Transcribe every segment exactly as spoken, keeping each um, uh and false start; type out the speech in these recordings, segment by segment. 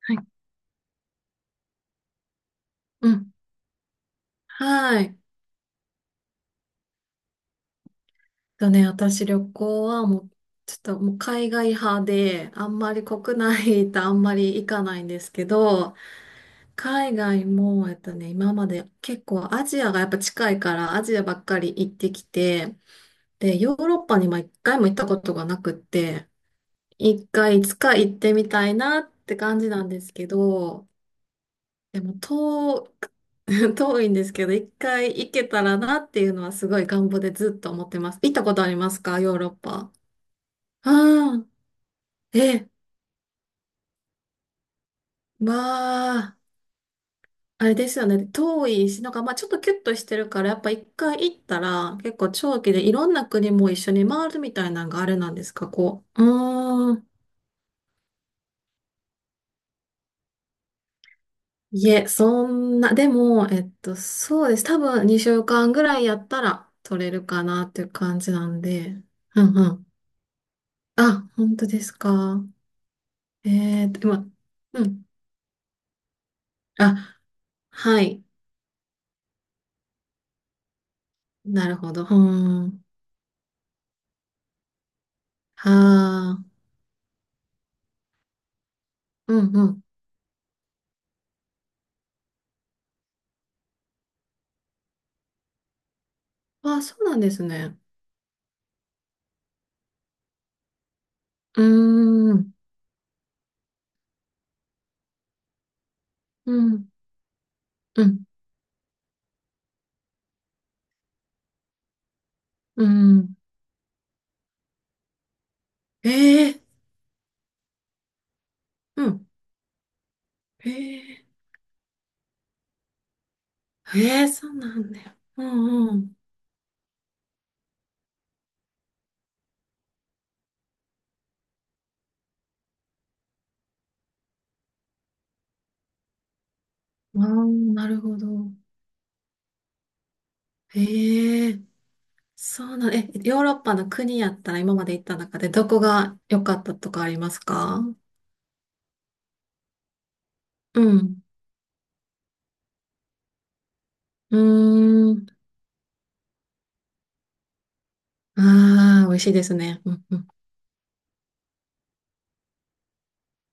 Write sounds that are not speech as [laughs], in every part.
はい。うん。はい。とね、私旅行はもう、ちょっともう海外派で、あんまり国内とあんまり行かないんですけど、海外も、えっとね、今まで結構アジアがやっぱ近いからアジアばっかり行ってきて、で、ヨーロッパにも一回も行ったことがなくって、一回いつか行ってみたいなって感じなんですけど、でも遠く、[laughs] 遠いんですけど、一回行けたらなっていうのはすごい願望でずっと思ってます。行ったことありますか、ヨーロッパ？ああ、え、まあ、あれですよね。遠いし、なんかまあちょっとキュッとしてるから、やっぱ一回行ったら結構長期でいろんな国も一緒に回るみたいなのがあれなんですか、こう。うーん。いえ、そんな、でも、えっと、そうです。多分にしゅうかんぐらいやったら取れるかなっていう感じなんで。うんうん。あ、本当ですか？えーと、今、うん。あ、はい。なるほど。うん。はあ、うんうん。あ、そうなんですね。うーん、うん、うん、うん。ええうん。ええええそうなんだよ。うんうん。ああ、なるほど。ええそうなん、え、ヨーロッパの国やったら今まで行った中でどこが良かったとかありますか？うん。うーん。ああ、美味しいですね。うんうん。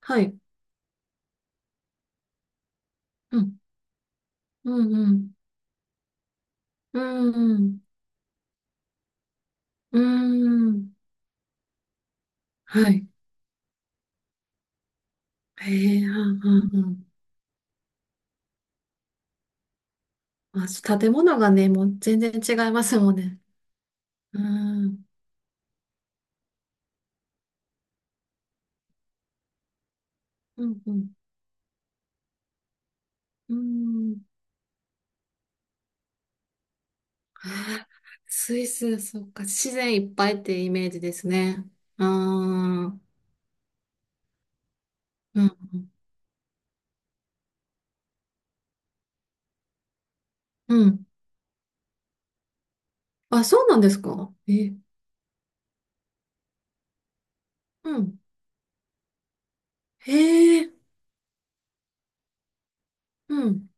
はい。うん。うんうん。うんうん。うん。はい。へえ、うんうんうん。まあ、建物がね、もう全然違いますもんね。うん。うんうん。うん。ああ、スイス、そっか、自然いっぱいってイメージですね。ああ、うんうんうん。あ、そうなんですか、え、うん。へえ、うん。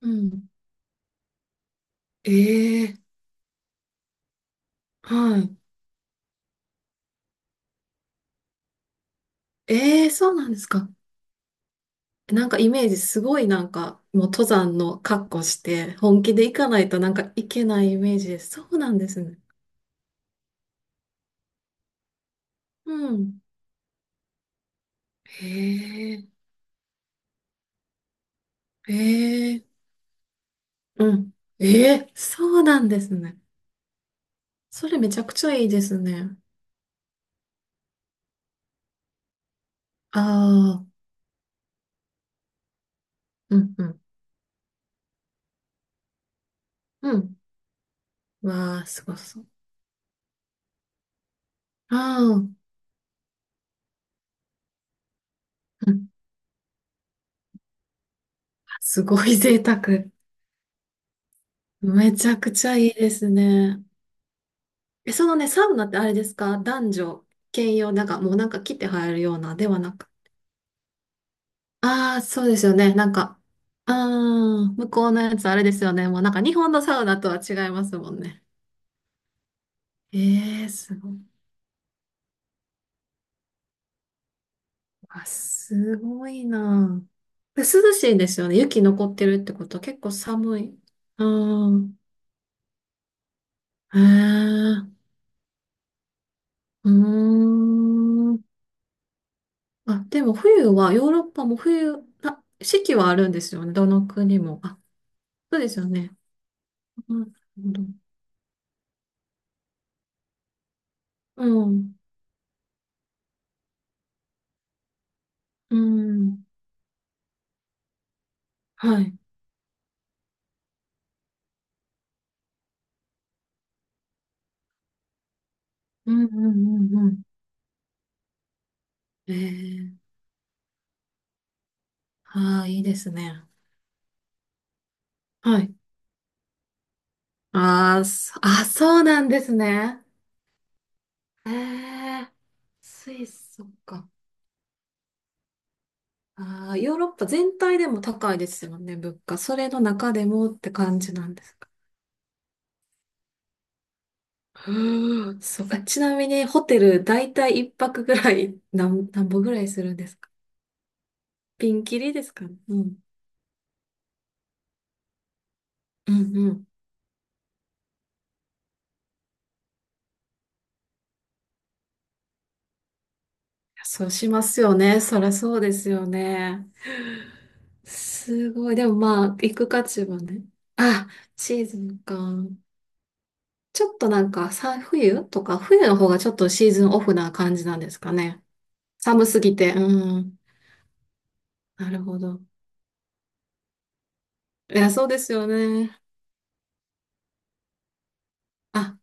うん。ええ、はい。ええ、そうなんですか？なんかイメージすごいなんかもう登山の格好して本気で行かないとなんかいけないイメージです。そうなんですね。うん。へえ、へえ、うん。ええ、そうなんですね。それめちゃくちゃいいですね。ああ、うん、うん、うん。わあ、すごそう。ああ、うん。すごい贅沢。めちゃくちゃいいですね。え、そのね、サウナってあれですか、男女兼用、なんかもうなんか来て入るようなではなく。ああ、そうですよね。なんか、ああ、向こうのやつあれですよね。もうなんか日本のサウナとは違いますもんね。ええすごい。あ、すごいな。で涼しいんですよね。雪残ってるってことは結構寒い。ああ、へえ、うーん。あ、でも冬は、ヨーロッパも冬、あ、四季はあるんですよね。どの国も。あ、そうですよね。うん、うん、うん、はい。うん、うん、うん、うん。ええああ、いいですね。はい。ああ、そあ、そうなんですね。ええ、スイス、そっか。ああ、ヨーロッパ全体でも高いですよね、物価。それの中でもって感じなんですか？[gasps] うーん、そうか。ちなみに、ホテル、だいたい一泊ぐらい、なん、なんぼぐらいするんですか？ピンキリですかね。うん。うんうん。そうしますよね。そりゃそうですよね。すごい。でもまあ、行く価値はね。あ、シーズンか。ちょっとなんか、さ、冬とか、冬の方がちょっとシーズンオフな感じなんですかね？寒すぎて。うん。なるほど。いや、そうですよね。あ、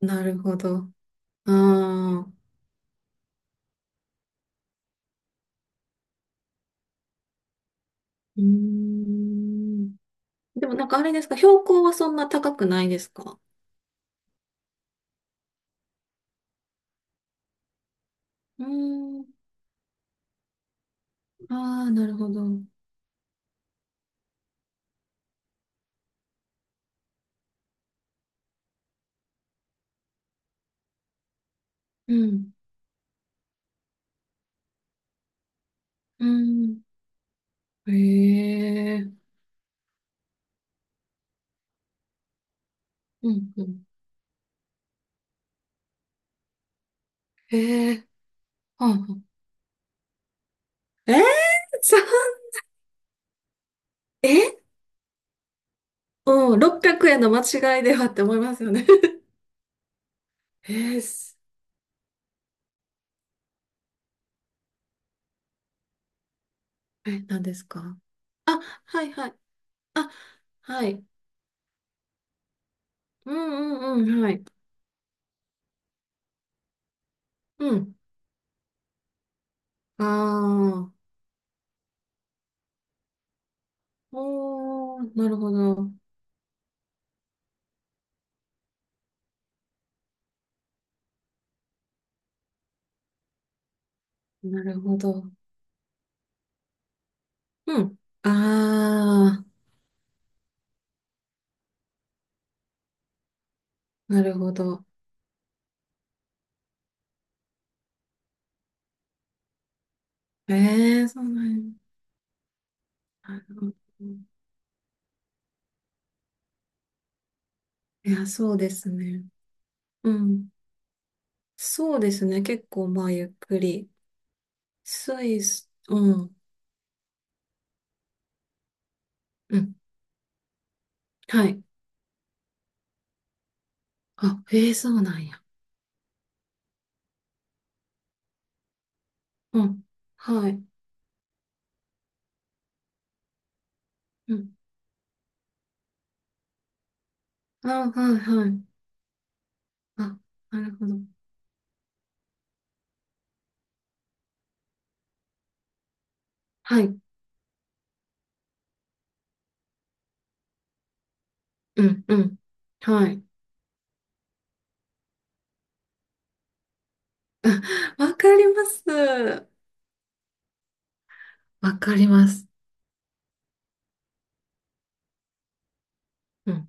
なるほど。うん。うーん。でもなんかあれですか、標高はそんな高くないですか？うーん。ああ、なるほど。うん。うん。へえ。うん、うん。へえ。はあはあえー、さ、えうん、ろくひゃくえんの間違いではって思いますよね？ [laughs] えー、すえ、何ですか？あ、はいはい。あ、はい。うんうんうん、はい。うん。ああ、おー、なるほど。なるほど。うん。ああ、なるほど。ええそうなんや。なるほど。いや、そうですね。うん。そうですね。結構、まあ、ゆっくり。スイス、うん。うん。はい。あ、ええそうなんや。うん。はい。うん。あ、はい、はい。あ、なるほど。はい。うん、うん。はい。わかります。わかります。うん。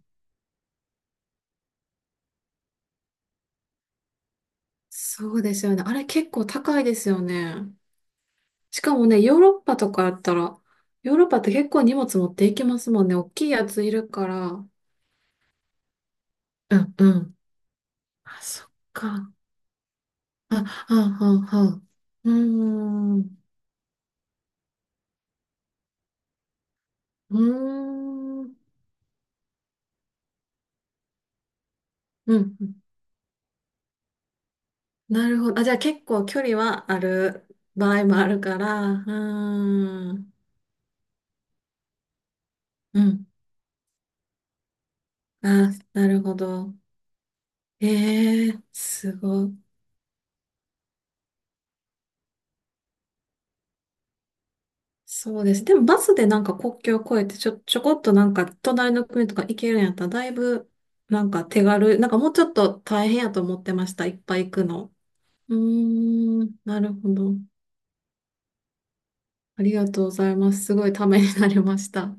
そうですよね。あれ結構高いですよね。しかもね、ヨーロッパとかやったら、ヨーロッパって結構荷物持っていきますもんね。大きいやついるから。うんうん。あ、そっか。あ、はあはあはあ。うーん。うーん。うん。なるほど。あ、じゃあ結構距離はある場合もあるから、うーん。うん。あ、なるほど。ええすごい。そうです。でもバスでなんか国境を越えてちょ、ちょこっとなんか隣の国とか行けるんやったらだいぶなんか手軽、なんかもうちょっと大変やと思ってました。いっぱい行くの。うーん。なるほど。ありがとうございます。すごいためになりました。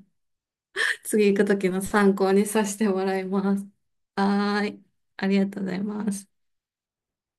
[laughs] 次行くときの参考にさせてもらいます。はーい。ありがとうございます。